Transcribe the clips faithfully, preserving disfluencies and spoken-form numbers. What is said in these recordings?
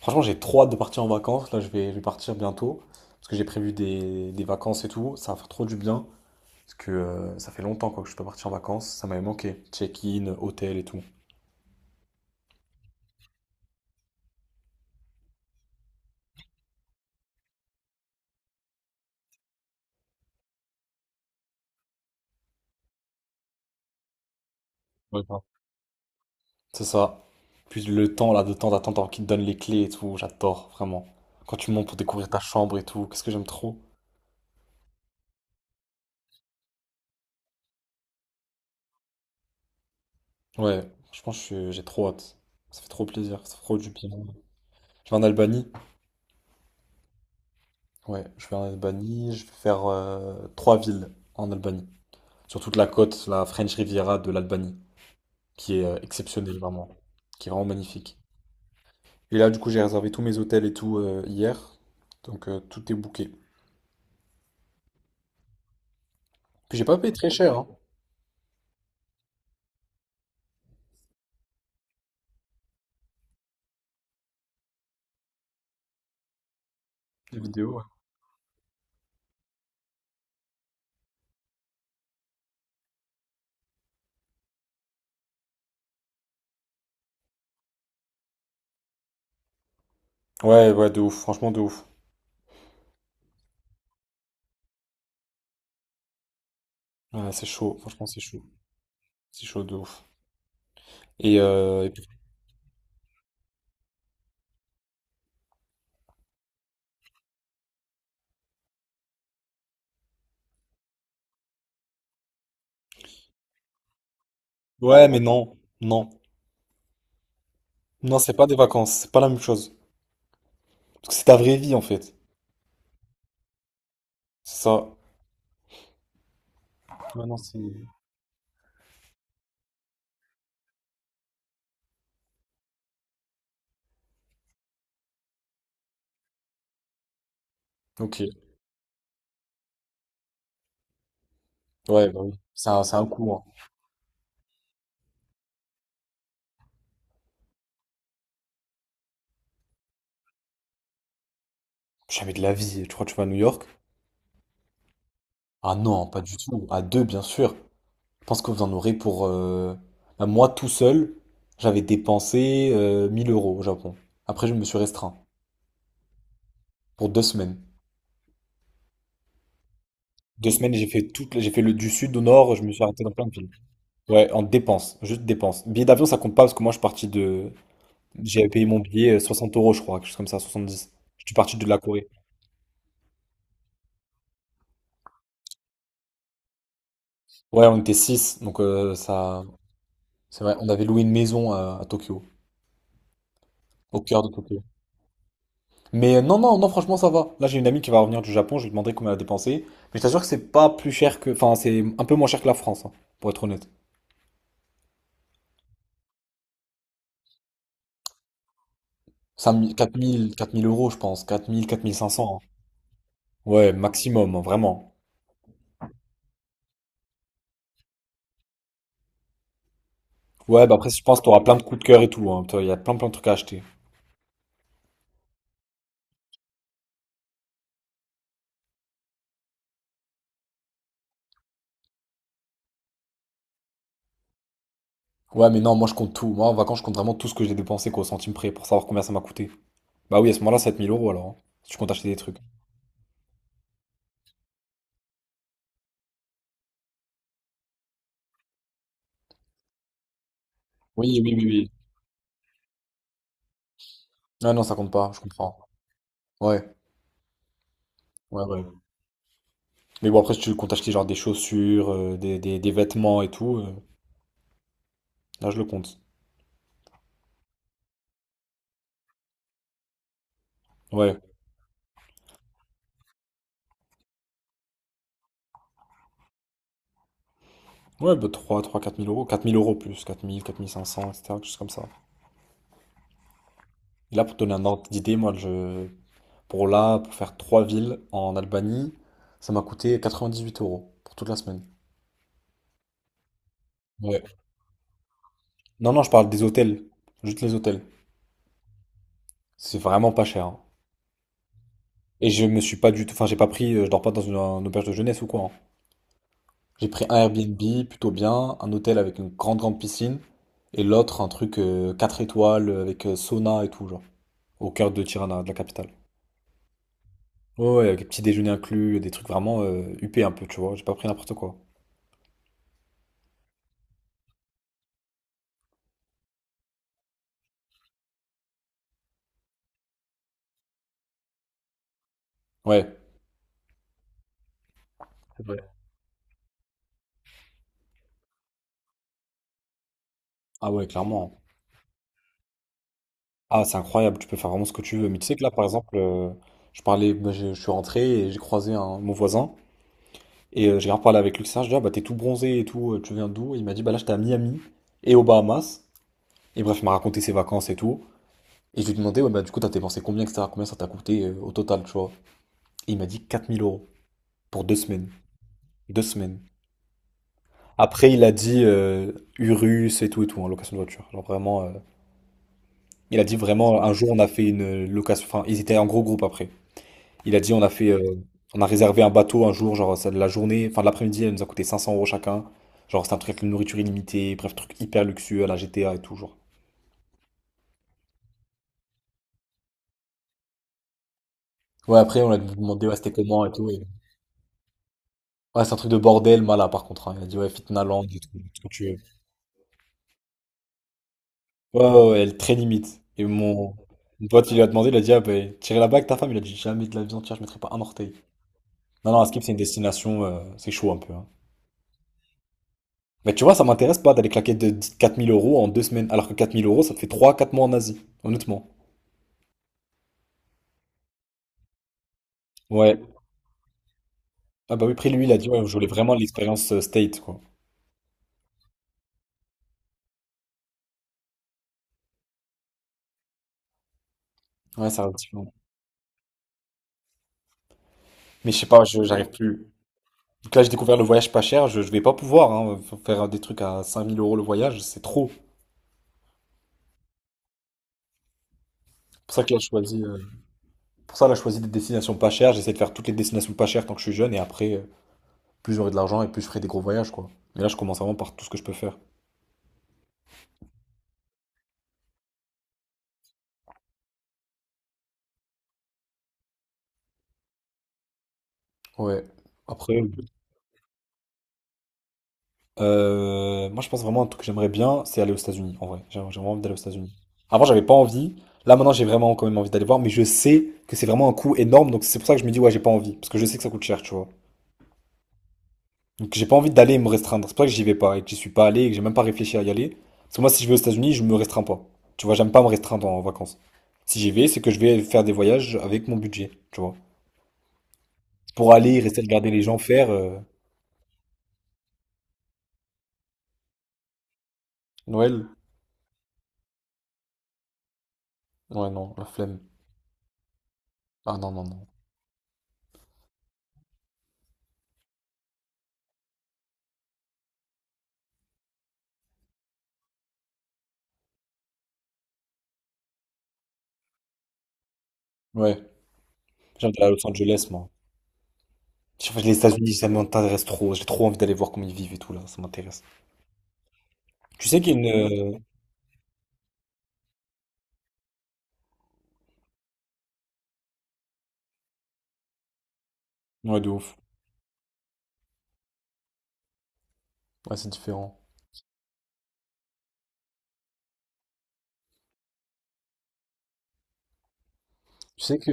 Franchement, j'ai trop hâte de partir en vacances. Là, je vais, je vais partir bientôt. Parce que j'ai prévu des, des vacances et tout. Ça va faire trop du bien. Parce que euh, ça fait longtemps quoi, que je suis pas parti en vacances. Ça m'avait manqué. Check-in, hôtel et tout. Ouais, grave. C'est ça. Puis le temps, là, de temps d'attente, alors qu'ils te donnent les clés et tout. J'adore, vraiment. Quand tu montes pour découvrir ta chambre et tout. Qu'est-ce que j'aime trop. Ouais, franchement, je suis- j'ai trop hâte. Ça fait trop plaisir. Ça fait trop du bien. Je vais en Albanie. Ouais, je vais en Albanie. Je vais faire euh, trois villes en Albanie, sur toute la côte, la French Riviera de l'Albanie, qui est euh, exceptionnelle vraiment, qui est vraiment magnifique. Et là, du coup, j'ai réservé tous mes hôtels et tout euh, hier, donc euh, tout est booké. Puis j'ai pas payé très cher, hein. Les vidéos, ouais. Ouais, ouais, de ouf, franchement de ouf. Ouais, c'est chaud, franchement c'est chaud, c'est chaud de ouf. Et, euh, et puis- ouais, mais non, non, non, c'est pas des vacances, c'est pas la même chose, parce que c'est ta vraie vie en fait, c'est ça. Maintenant c'est. Ok, ouais, bah oui, c'est un, c'est un coup, hein. Jamais de la vie, tu crois que tu vas à New York? Ah non, pas du tout. À deux, bien sûr. Je pense que vous en aurez pour... euh, bah, moi, tout seul, j'avais dépensé euh, mille euros au Japon. Après, je me suis restreint pour deux semaines. Deux semaines, j'ai fait toute... la- j'ai fait le du sud au nord, je me suis arrêté dans plein de villes. Ouais, en dépenses, juste dépenses. Billet d'avion, ça compte pas parce que moi, je suis parti de... J'ai payé mon billet euh, soixante euros, je crois, quelque chose comme ça, soixante-dix. Je suis parti de la Corée. Ouais, on était six, donc euh, ça... C'est vrai, on avait loué une maison à, à Tokyo, au cœur de Tokyo. Mais euh, non, non, non, franchement, ça va. Là, j'ai une amie qui va revenir du Japon, je lui demanderai combien elle a dépensé. Mais je t'assure que c'est pas plus cher que. Enfin, c'est un peu moins cher que la France, hein, pour être honnête. cinq mille, quatre mille, quatre mille euros, je pense. quatre mille, quatre mille cinq cents. Hein. Ouais, maximum, hein, vraiment. Ouais, bah après, je pense que t'auras plein de coups de cœur et tout. Hein. Toi, il y a plein, plein de trucs à acheter. Ouais, mais non, moi, je compte tout. Moi, en vacances, je compte vraiment tout ce que j'ai dépensé, quoi, au centime près, pour savoir combien ça m'a coûté. Bah oui, à ce moment-là, sept mille euros alors. Hein, si tu comptes acheter des trucs. Oui, oui, oui, oui. Ah non, ça compte pas, je comprends. Ouais, ouais, ouais. Mais bon, après, si tu comptes acheter genre des chaussures, euh, des, des- des vêtements et tout, euh, là, je le compte. Ouais. Ouais, bah trois trois quatre mille euros, quatre mille euros plus, quatre mille, quatre mille cinq cents, et cetera. Quelque chose comme ça. Et là, pour te donner un ordre d'idée, moi, je... pour là, pour faire trois villes en Albanie, ça m'a coûté quatre-vingt-dix-huit euros pour toute la semaine. Ouais. Non, non, je parle des hôtels. Juste les hôtels. C'est vraiment pas cher. Hein. Et je me suis pas du tout. Enfin, j'ai pas pris. euh, Je dors pas dans une, une auberge de jeunesse ou quoi. Hein. J'ai pris un Airbnb plutôt bien, un hôtel avec une grande grande piscine, et l'autre un truc euh, quatre étoiles avec euh, sauna et tout, genre, au cœur de Tirana, de la capitale. Ouais, ouais, avec petit déjeuner inclus, des trucs vraiment euh, huppés un peu, tu vois, j'ai pas pris n'importe quoi. Ouais, c'est vrai. Ah ouais, clairement. Ah, c'est incroyable, tu peux faire vraiment ce que tu veux. Mais tu sais que là, par exemple, euh, je parlais, bah, je, je suis rentré et j'ai croisé un, mon voisin, et euh, j'ai grave avec lui, ça, je dis ah, bah t'es tout bronzé et tout, euh, tu viens d'où? Il m'a dit, bah là, j'étais à Miami et aux Bahamas. Et bref, il m'a raconté ses vacances et tout. Et je lui demandais, ouais, bah du coup, t'as dépensé combien, et cetera. Combien ça t'a coûté euh, au total, tu vois. Et il m'a dit quatre mille euros pour deux semaines. Deux semaines. Après, il a dit euh, Urus et tout et tout, en location de voiture. Genre vraiment, euh, il a dit vraiment, un jour, on a fait une location. Enfin, ils étaient en gros groupe après. Il a dit, on a fait, euh, on a réservé un bateau un jour, genre ça, de la journée, enfin de l'après-midi, elle nous a coûté cinq cents euros chacun. Genre, c'est un truc avec une nourriture illimitée, bref, truc hyper luxueux à la G T A et tout, genre. Ouais, après, on a demandé, ouais, c'était comment et tout. et- Ouais, c'est un truc de bordel, Mala, par contre. Hein. Il a dit, ouais, Fitna Land et tout. Ouais, ouais, ouais, elle est très limite. Et mon, mon pote, il lui a demandé, il a dit, ah ben, tirer la bague, ta femme, il a dit, jamais de la vie entière, je mettrai pas un orteil. Non, non, Askip, c'est une destination, euh, c'est chaud un peu. Hein. Mais tu vois, ça m'intéresse pas d'aller claquer de quatre mille euros en deux semaines, alors que quatre mille euros, ça te fait trois quatre mois en Asie, honnêtement. Ouais. Ah bah oui, après lui, il a dit, ouais, je voulais vraiment l'expérience euh, state, quoi. Ouais, ça reste différent. Mais je sais pas, je- j'arrive plus. Donc là, j'ai découvert le voyage pas cher, je, je vais pas pouvoir, hein, faire des trucs à cinq mille euros le voyage, c'est trop. C'est pour ça que là, je choisis. Pour ça, là, je choisis des destinations pas chères. J'essaie de faire toutes les destinations pas chères tant que je suis jeune. Et après, euh, plus j'aurai de l'argent et plus je ferai des gros voyages, quoi. Mais là, je commence vraiment par tout ce que je peux faire. Ouais. Après, euh, moi, je pense vraiment à un truc que j'aimerais bien, c'est aller aux États-Unis, en vrai. J'ai j'ai vraiment envie d'aller aux États-Unis. Avant, j'avais pas envie. Là, maintenant, j'ai vraiment quand même envie d'aller voir. Mais je sais que c'est vraiment un coût énorme. Donc, c'est pour ça que je me dis, ouais, j'ai pas envie. Parce que je sais que ça coûte cher, tu vois. Donc j'ai pas envie d'aller me restreindre. C'est pour ça que j'y vais pas et que j'y suis pas allé et que j'ai même pas réfléchi à y aller. Parce que moi, si je vais aux États-Unis, je me restreins pas. Tu vois, j'aime pas me restreindre en vacances. Si j'y vais, c'est que je vais faire des voyages avec mon budget, tu vois. Pour aller, rester, regarder les gens faire. euh, Noël? Ouais, non, la flemme. Ah non, non, non. Ouais, j'aime aller à Los Angeles, moi. Je sais pas, les États-Unis, ça m'intéresse trop. J'ai trop envie d'aller voir comment ils vivent et tout, là. Ça m'intéresse. Tu sais qu'il y a une. euh, Ouais, de ouf. Ouais, c'est différent. Tu sais que.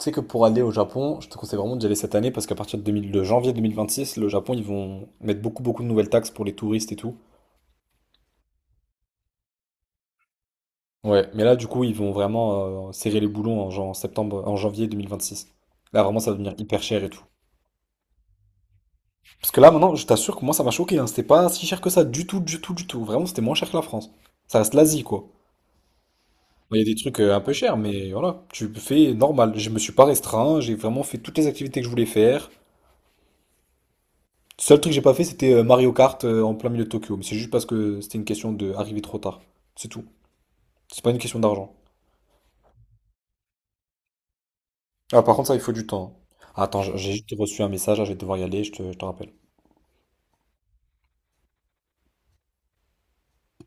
Tu sais que pour aller au Japon, je te conseille vraiment d'y aller cette année parce qu'à partir de, deux mille de janvier deux mille vingt-six, le Japon, ils vont mettre beaucoup, beaucoup de nouvelles taxes pour les touristes et tout. Ouais, mais là, du coup, ils vont vraiment euh, serrer les boulons en, jan- en septembre, en janvier deux mille vingt-six. Là, vraiment, ça va devenir hyper cher et tout. Parce que là, maintenant, je t'assure que moi, ça m'a choqué. Hein. C'était pas si cher que ça, du tout, du tout, du tout. Vraiment, c'était moins cher que la France. Ça reste l'Asie, quoi. Il y a des trucs euh, un peu chers, mais voilà, tu fais normal. Je me suis pas restreint, j'ai vraiment fait toutes les activités que je voulais faire. Seul truc que j'ai pas fait, c'était euh, Mario Kart euh, en plein milieu de Tokyo. Mais c'est juste parce que c'était une question de arriver trop tard. C'est tout. C'est pas une question d'argent. Ah, par contre, ça, il faut du temps. Ah, attends, j'ai juste reçu un message, là, je vais devoir y aller, je te, je te rappelle.